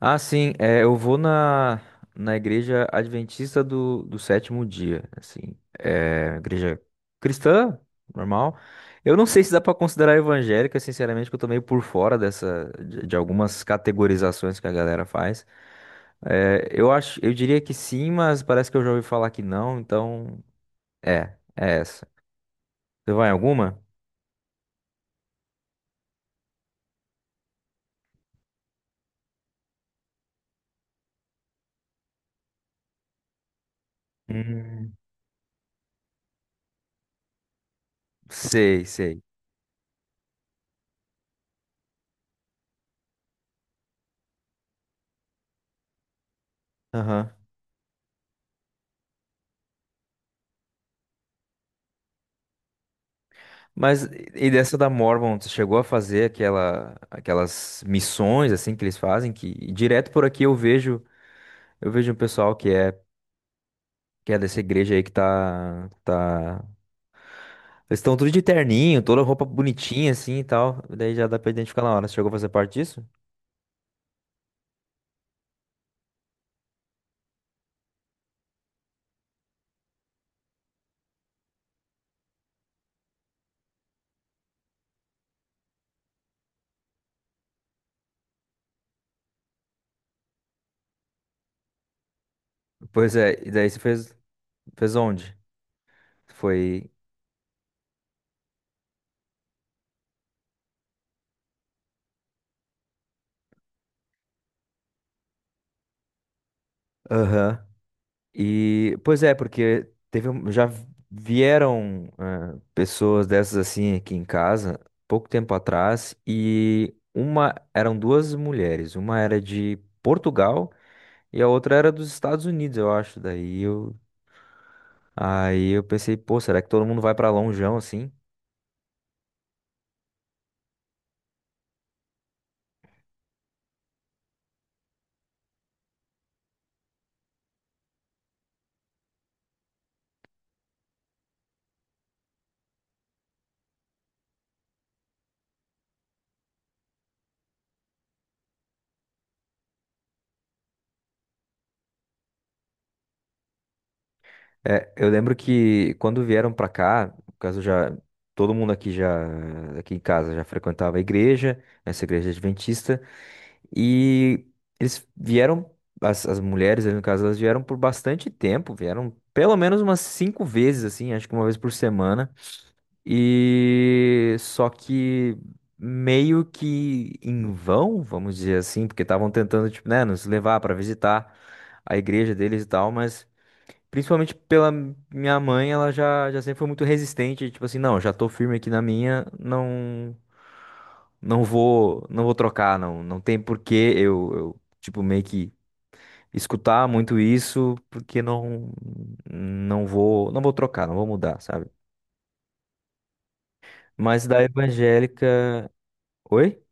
Eu vou na igreja adventista do sétimo dia, assim, é, igreja cristã, normal. Eu não sei se dá pra considerar evangélica, sinceramente, que eu tô meio por fora dessa, de algumas categorizações que a galera faz. Eu diria que sim, mas parece que eu já ouvi falar que não, então, é essa. Você vai em alguma? Hum, sei. Aham. Mas e dessa da Mormon, tu chegou a fazer aquelas missões assim que eles fazem, que direto por aqui eu vejo um pessoal que que é dessa igreja aí que eles estão tudo de terninho, toda roupa bonitinha assim e tal. Daí já dá pra identificar na hora. Você chegou a fazer parte disso? Pois é, e daí você fez fez onde? Foi. Aham. E pois é, porque teve, já vieram pessoas dessas assim aqui em casa, pouco tempo atrás, e uma, eram duas mulheres, uma era de Portugal e a outra era dos Estados Unidos, eu acho. Daí eu, aí eu pensei, pô, será que todo mundo vai pra lonjão assim? É, eu lembro que quando vieram pra cá, no caso, já todo mundo aqui já, aqui em casa, já frequentava a igreja, essa igreja adventista. E eles vieram, as mulheres ali no caso, elas vieram por bastante tempo, vieram pelo menos umas cinco vezes, assim, acho que uma vez por semana. E só que meio que em vão, vamos dizer assim, porque estavam tentando, tipo, né, nos levar para visitar a igreja deles e tal, mas principalmente pela minha mãe, já sempre foi muito resistente, tipo assim, não, já tô firme aqui na minha, não vou, não vou trocar, não. Não tem porquê eu, tipo, meio que escutar muito isso, porque não vou, não vou trocar, não vou mudar, sabe? Mas da evangélica, oi?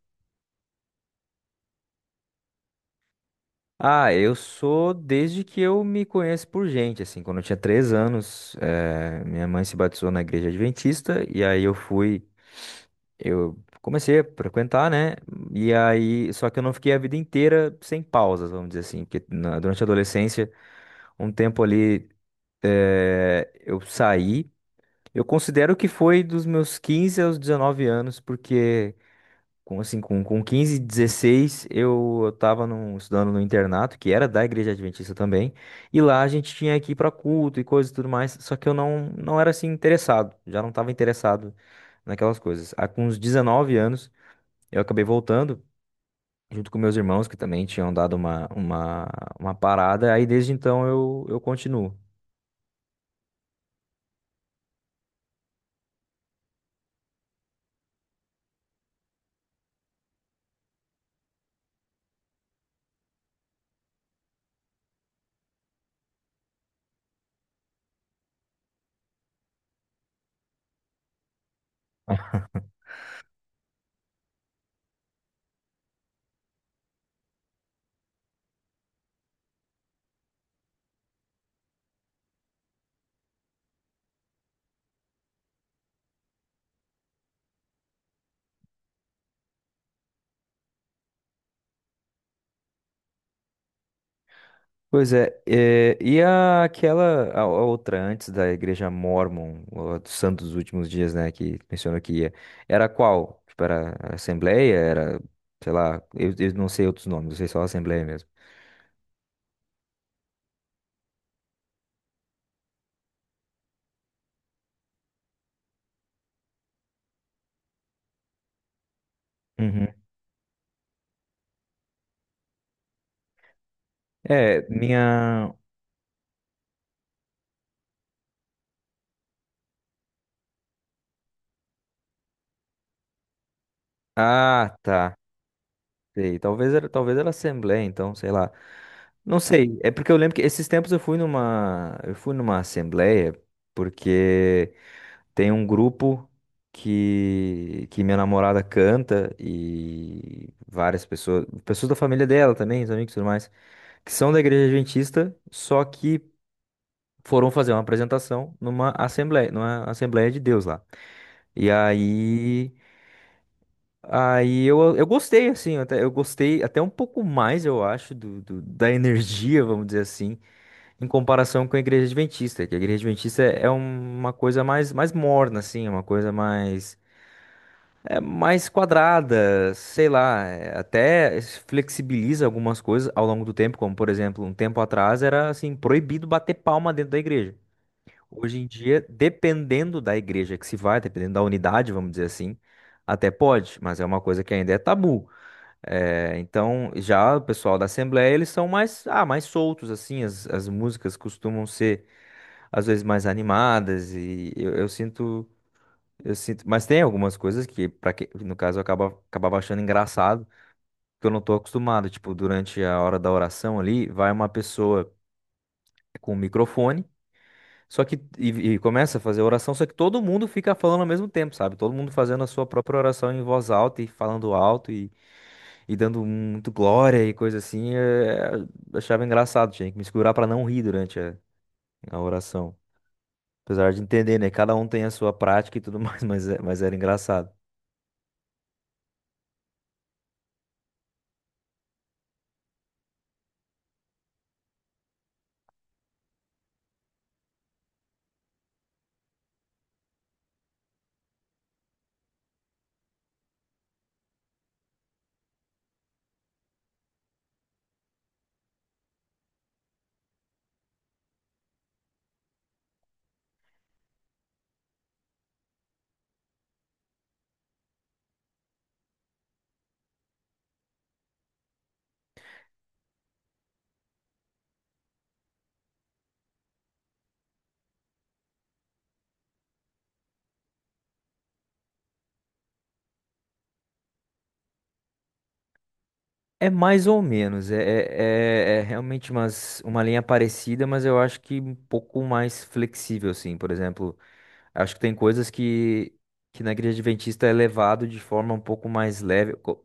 Ah, eu sou desde que eu me conheço por gente, assim, quando eu tinha 3 anos, minha mãe se batizou na igreja adventista, e eu comecei a frequentar, né? E aí, só que eu não fiquei a vida inteira sem pausas, vamos dizer assim, porque durante a adolescência, um tempo ali, eu saí. Eu considero que foi dos meus 15 aos 19 anos, porque com 15 16 eu, estudando no internato, que era da Igreja Adventista também, e lá a gente tinha que ir para culto e coisas e tudo mais, só que eu não, não era assim interessado, já não estava interessado naquelas coisas. Aí, com uns 19 anos eu acabei voltando, junto com meus irmãos, que também tinham dado uma parada. Aí desde então eu continuo. Pois é, é, e a outra antes da igreja Mórmon, ou a dos Santos dos Últimos Dias, né, que mencionou que ia, era qual? Tipo, era a Assembleia, era, sei lá, eu não sei outros nomes, eu sei só a Assembleia mesmo. Uhum. É, minha... Ah, tá, sei, talvez era Assembleia, então, sei lá. Não sei, é porque eu lembro que esses tempos eu fui eu fui numa Assembleia, porque... Tem um grupo que minha namorada canta e várias pessoas, pessoas da família dela também, os amigos e tudo mais, que são da igreja adventista, só que foram fazer uma apresentação numa assembleia de Deus lá. E aí, aí eu gostei, assim, até, eu gostei até um pouco mais, eu acho, da energia, vamos dizer assim, em comparação com a igreja adventista, que a igreja adventista é uma coisa mais, mais morna, assim, é uma coisa mais. É mais quadrada, sei lá, é, até flexibiliza algumas coisas ao longo do tempo, como por exemplo, um tempo atrás era assim proibido bater palma dentro da igreja. Hoje em dia, dependendo da igreja que se vai, dependendo da unidade, vamos dizer assim, até pode, mas é uma coisa que ainda é tabu. É, então, já o pessoal da Assembleia, eles são mais, ah, mais soltos assim, as músicas costumam ser às vezes mais animadas e eu sinto, mas tem algumas coisas no caso, acabava achando engraçado, que eu não tô acostumado. Tipo, durante a hora da oração ali, vai uma pessoa com o microfone, e começa a fazer a oração, só que todo mundo fica falando ao mesmo tempo, sabe? Todo mundo fazendo a sua própria oração em voz alta e falando alto, e dando muito glória e coisa assim. Eu achava engraçado, tinha que me segurar para não rir durante a oração. Apesar de entender, né? Cada um tem a sua prática e tudo mais, mas, mas era engraçado. É mais ou menos, é realmente uma linha parecida, mas eu acho que um pouco mais flexível, assim. Por exemplo, acho que tem coisas que na igreja adventista é levado de forma um pouco mais leve,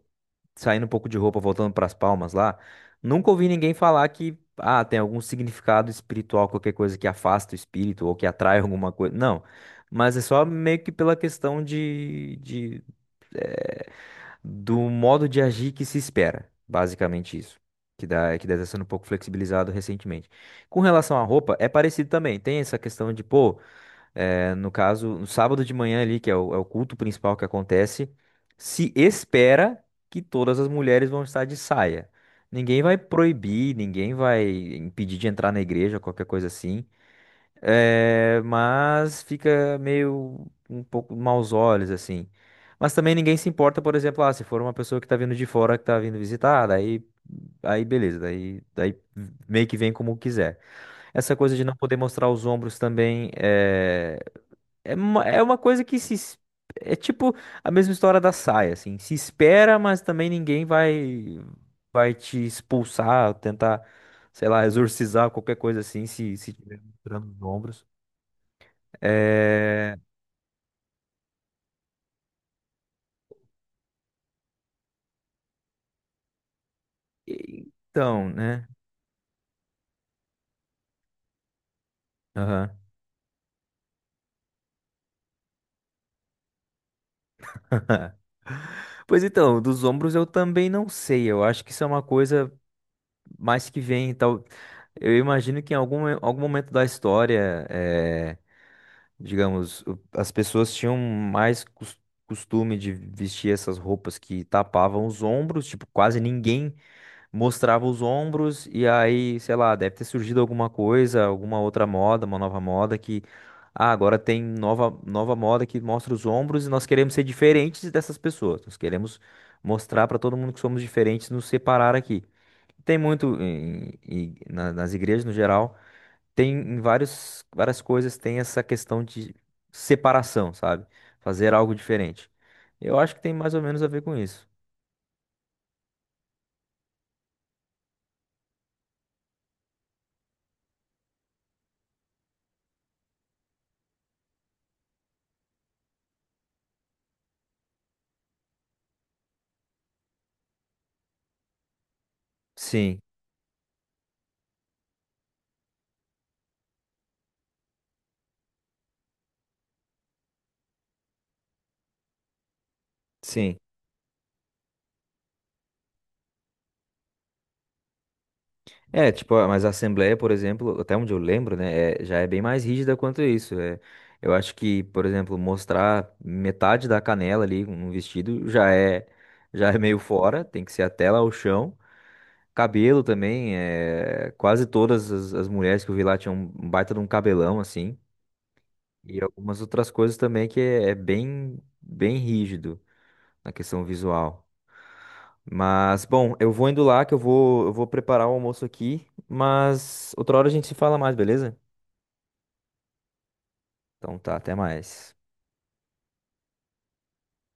saindo um pouco de roupa, voltando para as palmas lá. Nunca ouvi ninguém falar que, ah, tem algum significado espiritual, qualquer coisa que afasta o espírito ou que atrai alguma coisa. Não, mas é só meio que pela questão do modo de agir que se espera. Basicamente isso. Que dá, que deve estar sendo um pouco flexibilizado recentemente. Com relação à roupa, é parecido também. Tem essa questão de, pô, no caso, no sábado de manhã ali, que é é o culto principal que acontece, se espera que todas as mulheres vão estar de saia. Ninguém vai proibir, ninguém vai impedir de entrar na igreja, qualquer coisa assim. É, mas fica meio um pouco maus olhos, assim. Mas também ninguém se importa, por exemplo, ah, se for uma pessoa que tá vindo de fora, que tá vindo visitar, daí, aí beleza, daí meio que vem como quiser. Essa coisa de não poder mostrar os ombros também é uma coisa que se. Es- é tipo a mesma história da saia, assim. Se espera, mas também ninguém vai te expulsar, tentar, sei lá, exorcizar, qualquer coisa assim, se tiver mostrando os ombros. É. Então, né? Aham. Pois então, dos ombros eu também não sei. Eu acho que isso é uma coisa mais que vem, tal. Eu imagino que em algum momento da história, eh, digamos, as pessoas tinham mais costume de vestir essas roupas que tapavam os ombros, tipo, quase ninguém mostrava os ombros e aí, sei lá, deve ter surgido alguma coisa, alguma outra moda, uma nova moda que ah, agora tem nova moda que mostra os ombros e nós queremos ser diferentes dessas pessoas. Nós queremos mostrar para todo mundo que somos diferentes, nos separar aqui. Tem muito nas igrejas no geral, tem em vários várias coisas, tem essa questão de separação, sabe? Fazer algo diferente. Eu acho que tem mais ou menos a ver com isso. Sim, sim. É, tipo, ah, mas a Assembleia, por exemplo, até onde eu lembro, né, já é bem mais rígida quanto isso. É, eu acho que, por exemplo, mostrar metade da canela ali no vestido já é meio fora, tem que ser até lá o chão. Cabelo também, é, quase todas as mulheres que eu vi lá tinham um baita de um cabelão, assim. E algumas outras coisas também é bem, bem rígido na questão visual. Mas, bom, eu vou indo lá que eu vou preparar o almoço aqui, mas outra hora a gente se fala mais, beleza? Então tá, até mais.